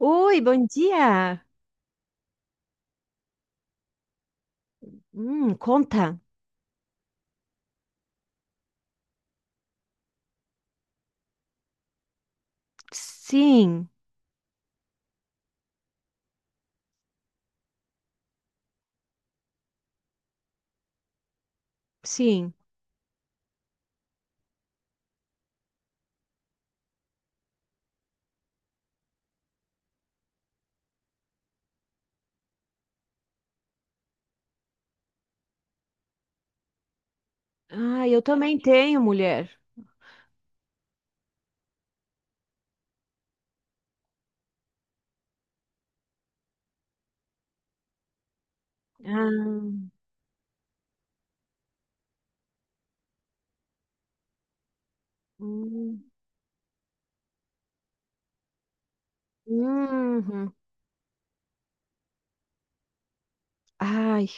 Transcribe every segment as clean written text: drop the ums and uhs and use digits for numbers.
Oi, bom dia. Conta. Sim, sim. Ah, eu também tenho, mulher. Ah, hum, uhum. Ai,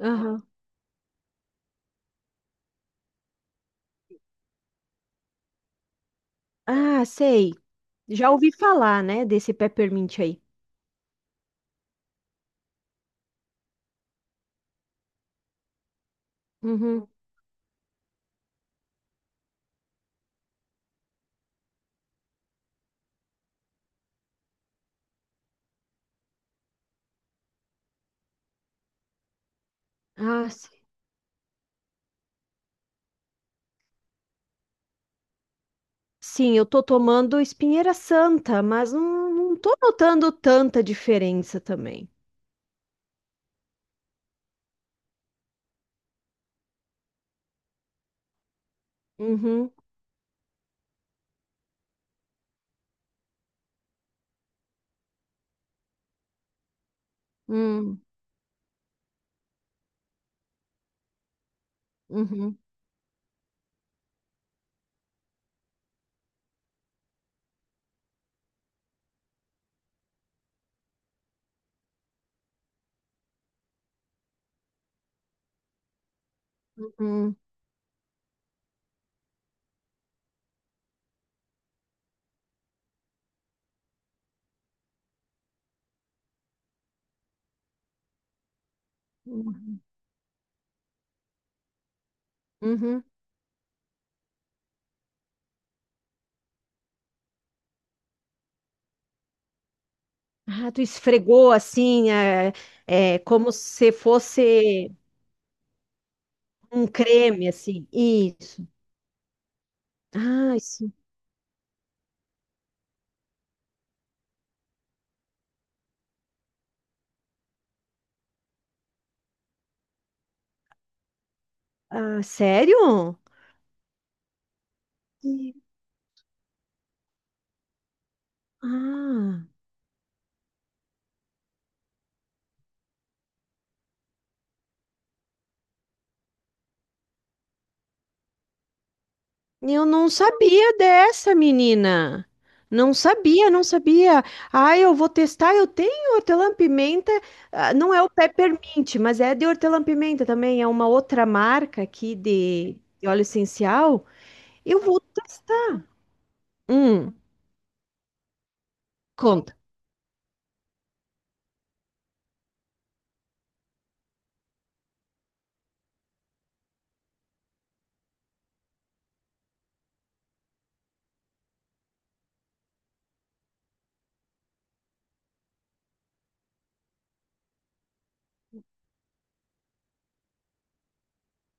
aham. Ah, sei. Já ouvi falar, né, desse peppermint aí. Uhum. Ah, sim. Sim, eu tô tomando espinheira santa, mas não, não tô notando tanta diferença também. Uhum, hum, uhum, uhum, uhum, uhum. Ah, tu esfregou assim, é, como se fosse um creme, assim. Isso. Ah, isso. Ah, sério? Sim. Ah, eu não sabia dessa, menina. Não sabia, não sabia. Ah, eu vou testar. Eu tenho hortelã-pimenta. Ah, não é o peppermint, mas é de hortelã-pimenta também. É uma outra marca aqui de óleo essencial. Eu vou testar. Hum, conta.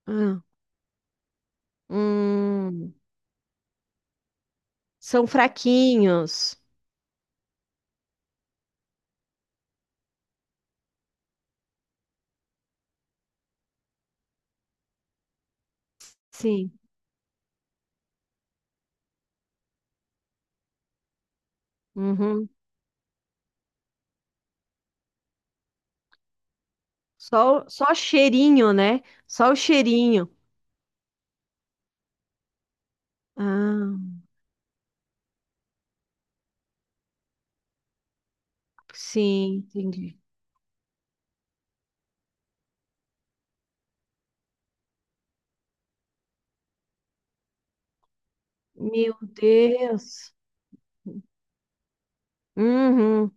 Ah, hum. São fraquinhos. Sim. Uhum. Só cheirinho, né? Só o cheirinho. Ah, sim, entendi. Meu Deus. Uhum.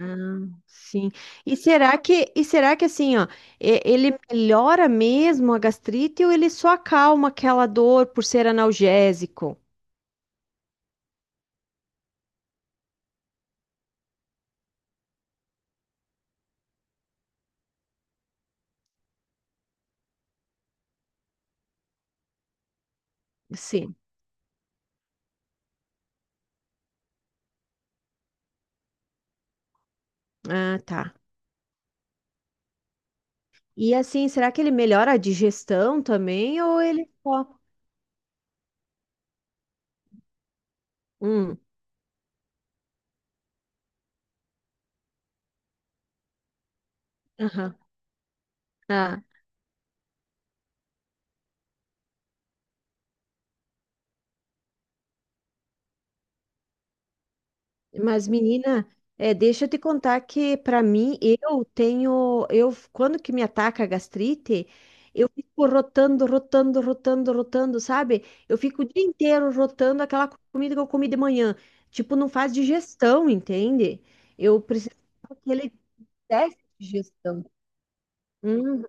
Ah, sim. E será que assim, ó, ele melhora mesmo a gastrite ou ele só acalma aquela dor por ser analgésico? Sim. Ah, tá. E assim, será que ele melhora a digestão também ou ele só... Hum. Aham. Ah, mas, menina, é, deixa eu te contar que, para mim, eu tenho. Eu, quando que me ataca a gastrite, eu fico rotando, rotando, rotando, rotando, sabe? Eu fico o dia inteiro rotando aquela comida que eu comi de manhã. Tipo, não faz digestão, entende? Eu preciso daquele teste de digestão. Uhum,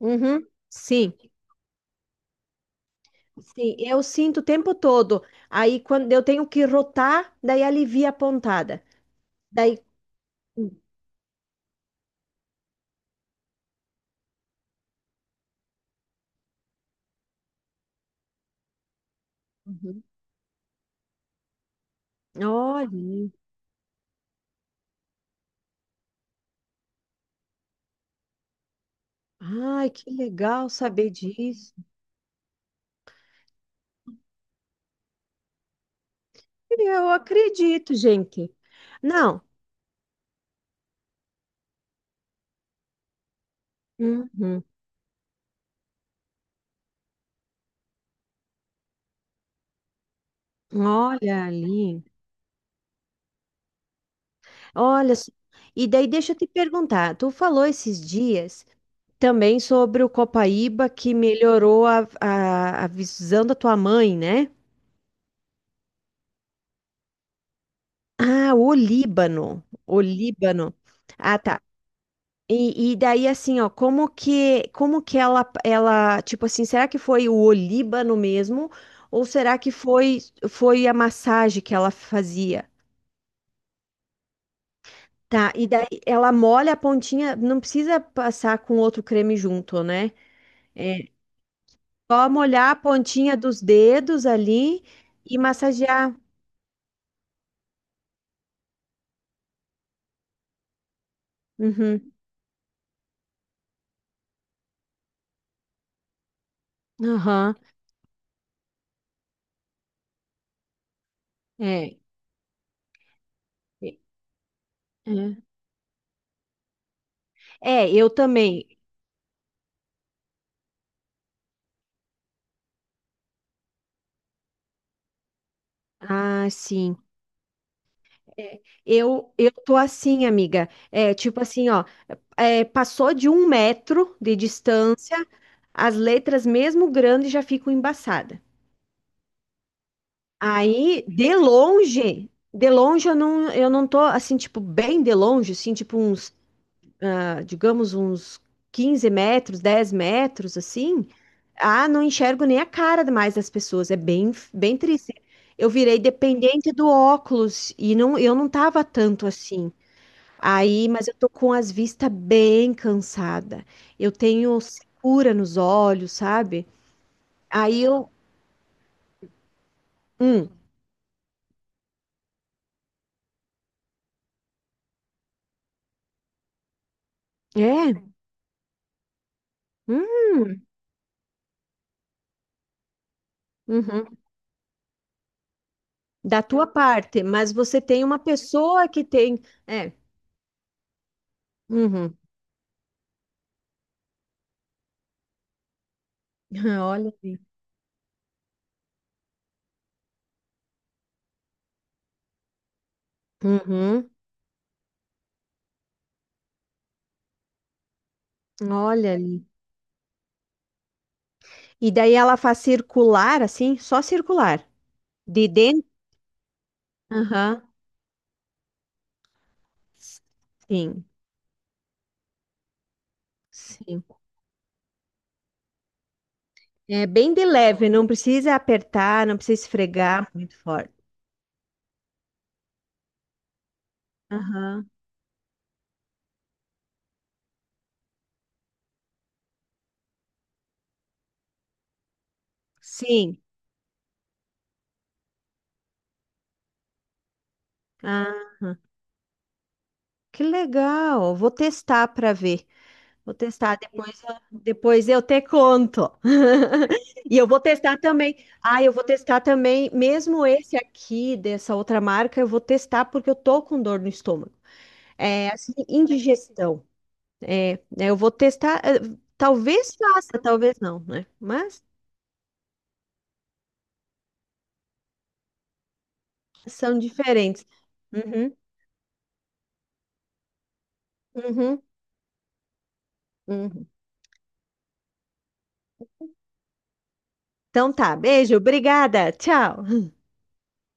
uhum. Sim, sim, eu sinto o tempo todo. Aí, quando eu tenho que rotar, daí alivia a pontada. Daí. Uhum. Olha. Ai, que legal saber disso. Eu acredito, gente. Não. Uhum. Olha ali. Olha. Só. E daí deixa eu te perguntar. Tu falou esses dias também sobre o copaíba, que melhorou a visão da tua mãe, né? Ah, o Líbano. O Líbano. Ah, tá. E daí assim, ó, como que ela, tipo assim, será que foi o olíbano mesmo ou será que foi a massagem que ela fazia? Tá, e daí ela molha a pontinha, não precisa passar com outro creme junto, né? É só molhar a pontinha dos dedos ali e massagear. Uhum. Aham. É. É, É, eu também. Ah, sim. É, eu tô assim, amiga. É, tipo assim, ó. É, passou de 1 metro de distância, as letras, mesmo grandes, já ficam embaçadas. Aí, de longe eu não tô assim, tipo, bem de longe, assim, tipo uns, ah, digamos, uns 15 metros, 10 metros, assim. Ah, não enxergo nem a cara mais das pessoas, é bem, bem triste. Eu virei dependente do óculos e não, eu não tava tanto assim. Aí, mas eu tô com as vistas bem cansada. Eu tenho secura nos olhos, sabe? Aí eu, hum, é, hum, uhum, da tua parte, mas você tem uma pessoa que tem, é, uhum, olha ali, uhum, olha ali. E daí ela faz circular, assim, só circular, de dentro, aham, sim, sim. É bem de leve, não precisa apertar, não precisa esfregar muito forte. Aham. Sim. Ah, que legal. Vou testar para ver. Vou testar depois, depois eu te conto. E eu vou testar também. Ah, eu vou testar também, mesmo esse aqui dessa outra marca, eu vou testar porque eu tô com dor no estômago. É assim, indigestão. É, né, eu vou testar. Talvez faça, talvez não, né? Mas são diferentes. Uhum, uhum, uhum. Então tá, beijo, obrigada, tchau.